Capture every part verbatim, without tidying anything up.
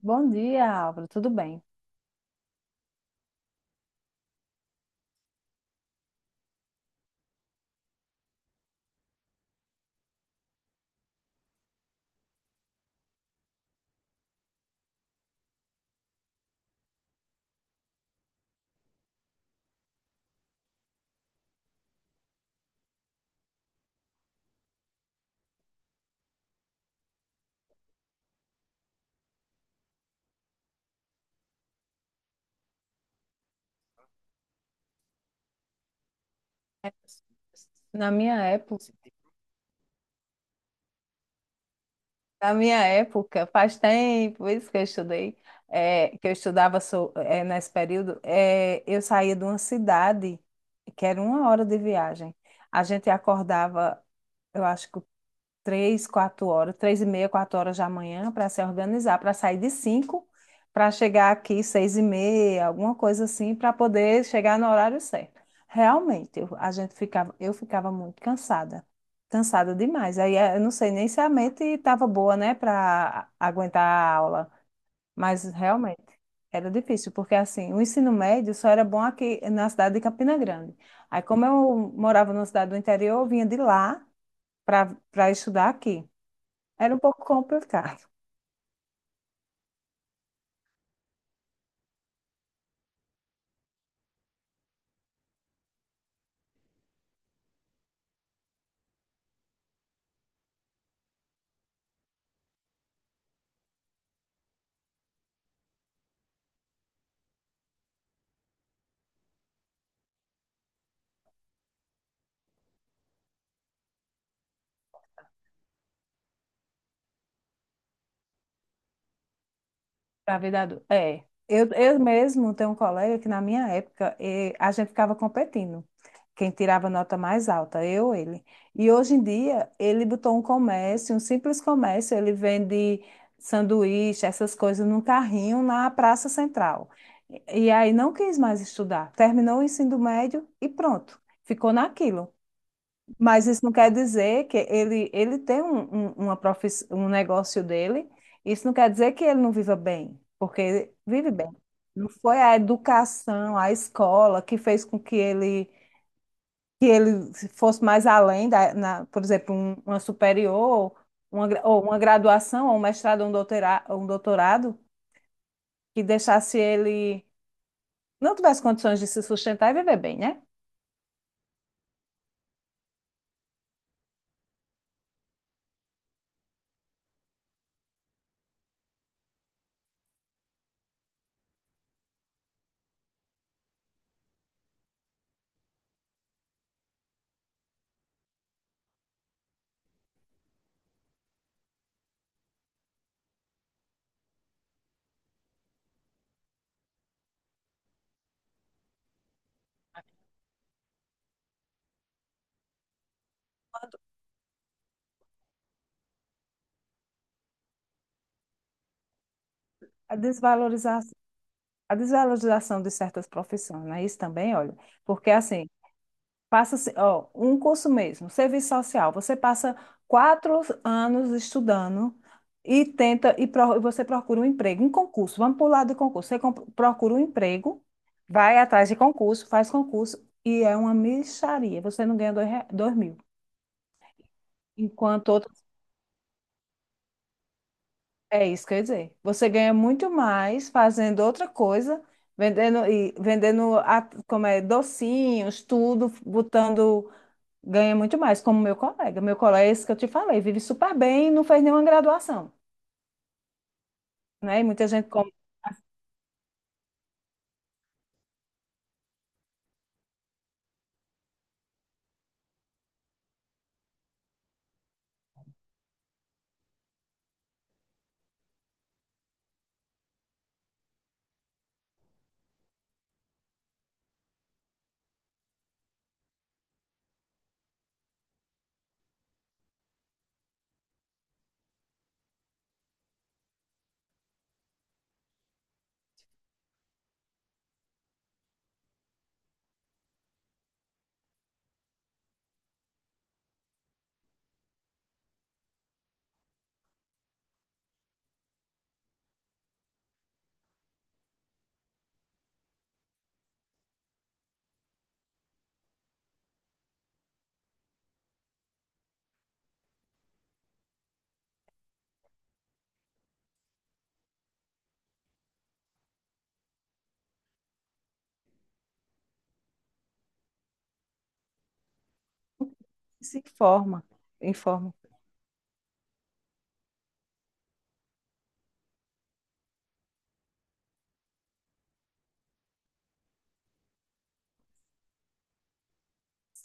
Bom dia, Álvaro. Tudo bem? Na minha época, na minha época, faz tempo isso que eu estudei, é, que eu estudava so- é, nesse período, é, eu saía de uma cidade que era uma hora de viagem. A gente acordava, eu acho que três, quatro horas, três e meia, quatro horas da manhã para se organizar, para sair de cinco, para chegar aqui seis e meia, alguma coisa assim, para poder chegar no horário certo. Realmente, eu, a gente ficava, eu ficava muito cansada, cansada demais. Aí eh, eu não sei nem se a mente estava boa, né, para aguentar a aula, mas realmente era difícil, porque assim, o ensino médio só era bom aqui na cidade de Campina Grande. Aí, como eu morava numa cidade do interior, eu vinha de lá para para estudar aqui. Era um pouco complicado. Pra vida É. Eu, eu mesmo tenho um colega que na minha época eh, a gente ficava competindo. Quem tirava nota mais alta, eu ou ele. E hoje em dia ele botou um comércio, um simples comércio, ele vende sanduíche, essas coisas num carrinho na Praça Central. E e aí não quis mais estudar. Terminou o ensino médio e pronto. Ficou naquilo. Mas isso não quer dizer que ele, ele tem um, um, uma profissão, um negócio dele. Isso não quer dizer que ele não viva bem, porque ele vive bem. Não foi a educação, a escola que fez com que ele, que ele fosse mais além da, na, por exemplo, um, uma superior, uma, gra- ou uma graduação, ou um mestrado, ou um doutora- ou um doutorado, que deixasse ele não tivesse condições de se sustentar e viver bem, né? A desvalorização a desvalorização de certas profissões, né? Isso também, olha, porque assim, passa, ó, um curso mesmo, serviço social, você passa quatro anos estudando e tenta, e pro- você procura um emprego, um concurso, vamos para o lado de concurso, você com- procura um emprego, vai atrás de concurso, faz concurso, e é uma mixaria, você não ganha dois, re- dois mil. Enquanto outro É isso que eu ia dizer. Você ganha muito mais fazendo outra coisa, vendendo e vendendo a- como é, docinhos, tudo, botando, ganha muito mais, como meu colega. Meu colega, esse que eu te falei, vive super bem e não fez nenhuma graduação, né? E muita gente como se informa, informa.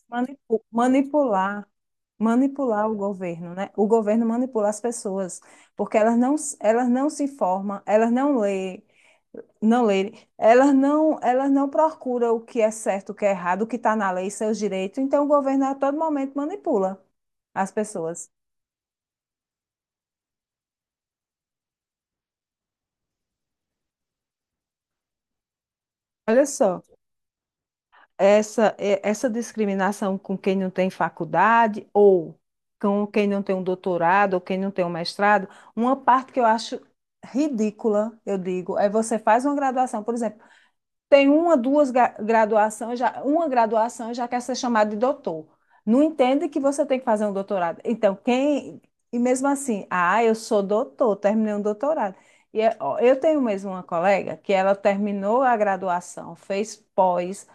Manipu- manipular, manipular o governo, né? O governo manipula as pessoas, porque elas não, elas não se informam, elas não lê não lerem, elas não, elas não procuram o que é certo, o que é errado, o que está na lei, seus direitos. Então, o governo a todo momento manipula as pessoas. Olha só, essa, é- essa discriminação com quem não tem faculdade ou com quem não tem um doutorado ou quem não tem um mestrado, uma parte que eu acho ridícula, eu digo, é você faz uma graduação, por exemplo. Tem uma, duas ga- graduação, já, uma graduação já quer ser chamado de doutor. Não entende que você tem que fazer um doutorado. Então, quem. E mesmo assim, ah, eu sou doutor, terminei um doutorado. E é- ó, eu tenho mesmo uma colega que ela terminou a graduação, fez pós,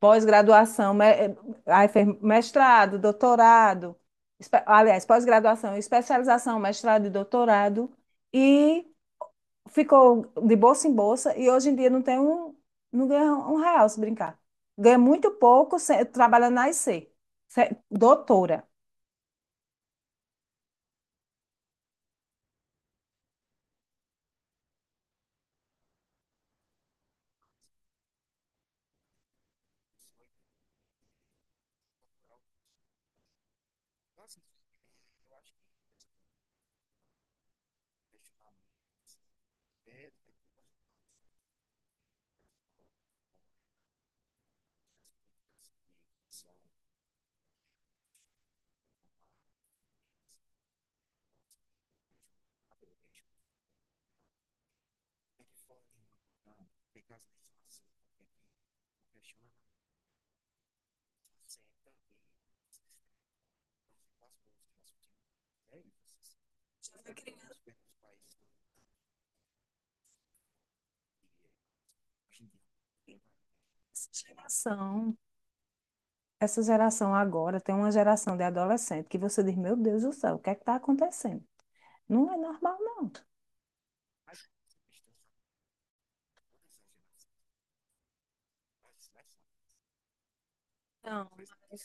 pós-graduação, me- eh, aí fez mestrado, doutorado, espe- aliás, pós-graduação, especialização, mestrado e doutorado. E ficou de bolsa em bolsa e hoje em dia não tem um, não ganha um real se brincar. Ganha muito pouco se- trabalhando na I C, se- doutora. Já foi criando essa geração. Essa geração agora tem uma geração de adolescente que você diz, meu Deus do céu, o que é que está acontecendo? Não é normal, não. Não, mas agora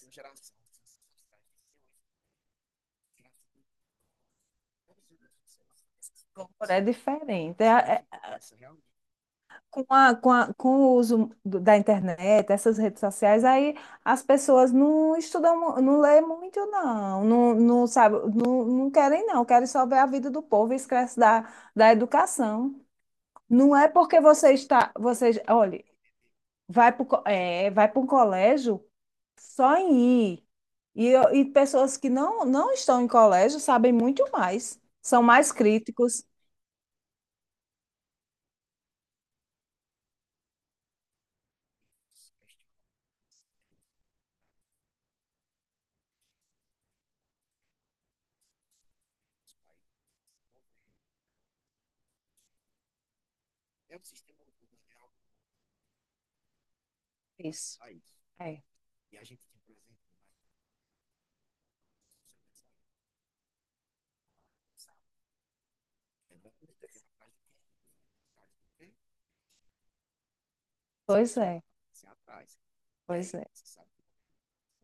é diferente. É, é- com a, com a, com o uso do- da internet, essas redes sociais, aí as pessoas não estudam, mu- não lê muito, não, não, não sabe, não, não querem, não, querem só ver a vida do povo e esquece da, da educação. Não é porque você está, você, olhe, vai para é, vai para um colégio só em ir. E, eu- e pessoas que não, não estão em colégio sabem muito mais, são mais críticos. Isso. É. Pois é, pois é.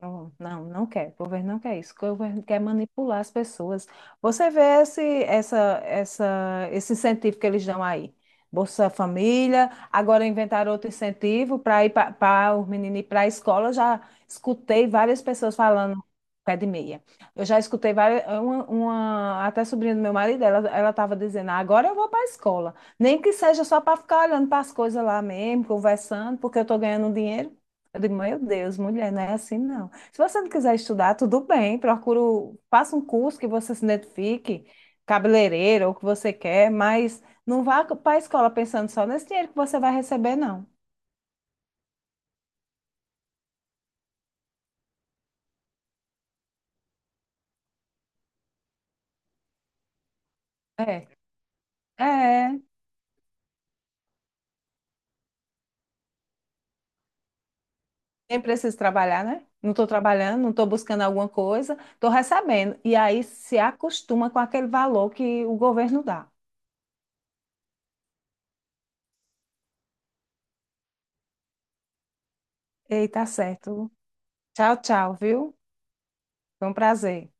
Não, não não quer. O governo não quer isso. O governo quer manipular as pessoas. Você vê esse, essa, essa, esse incentivo que eles dão aí. Bolsa Família, agora inventaram outro incentivo para ir, para os meninos ir para a escola. Eu já escutei várias pessoas falando pé de meia. Eu já escutei várias, uma, uma- até sobrinha do meu marido, ela, ela estava dizendo, "Ah, agora eu vou para a escola. Nem que seja só para ficar olhando para as coisas lá mesmo, conversando, porque eu estou ganhando um dinheiro. Eu digo, meu Deus, mulher, não é assim não. Se você não quiser estudar, tudo bem, procuro, faça um curso que você se identifique, cabeleireiro, ou o que você quer, mas não vá para a escola pensando só nesse dinheiro que você vai receber, não." É, é, nem preciso trabalhar, né? Não estou trabalhando, não estou buscando alguma coisa, estou recebendo. E aí se acostuma com aquele valor que o governo dá. Ei, tá certo. Tchau, tchau, viu? Foi um prazer.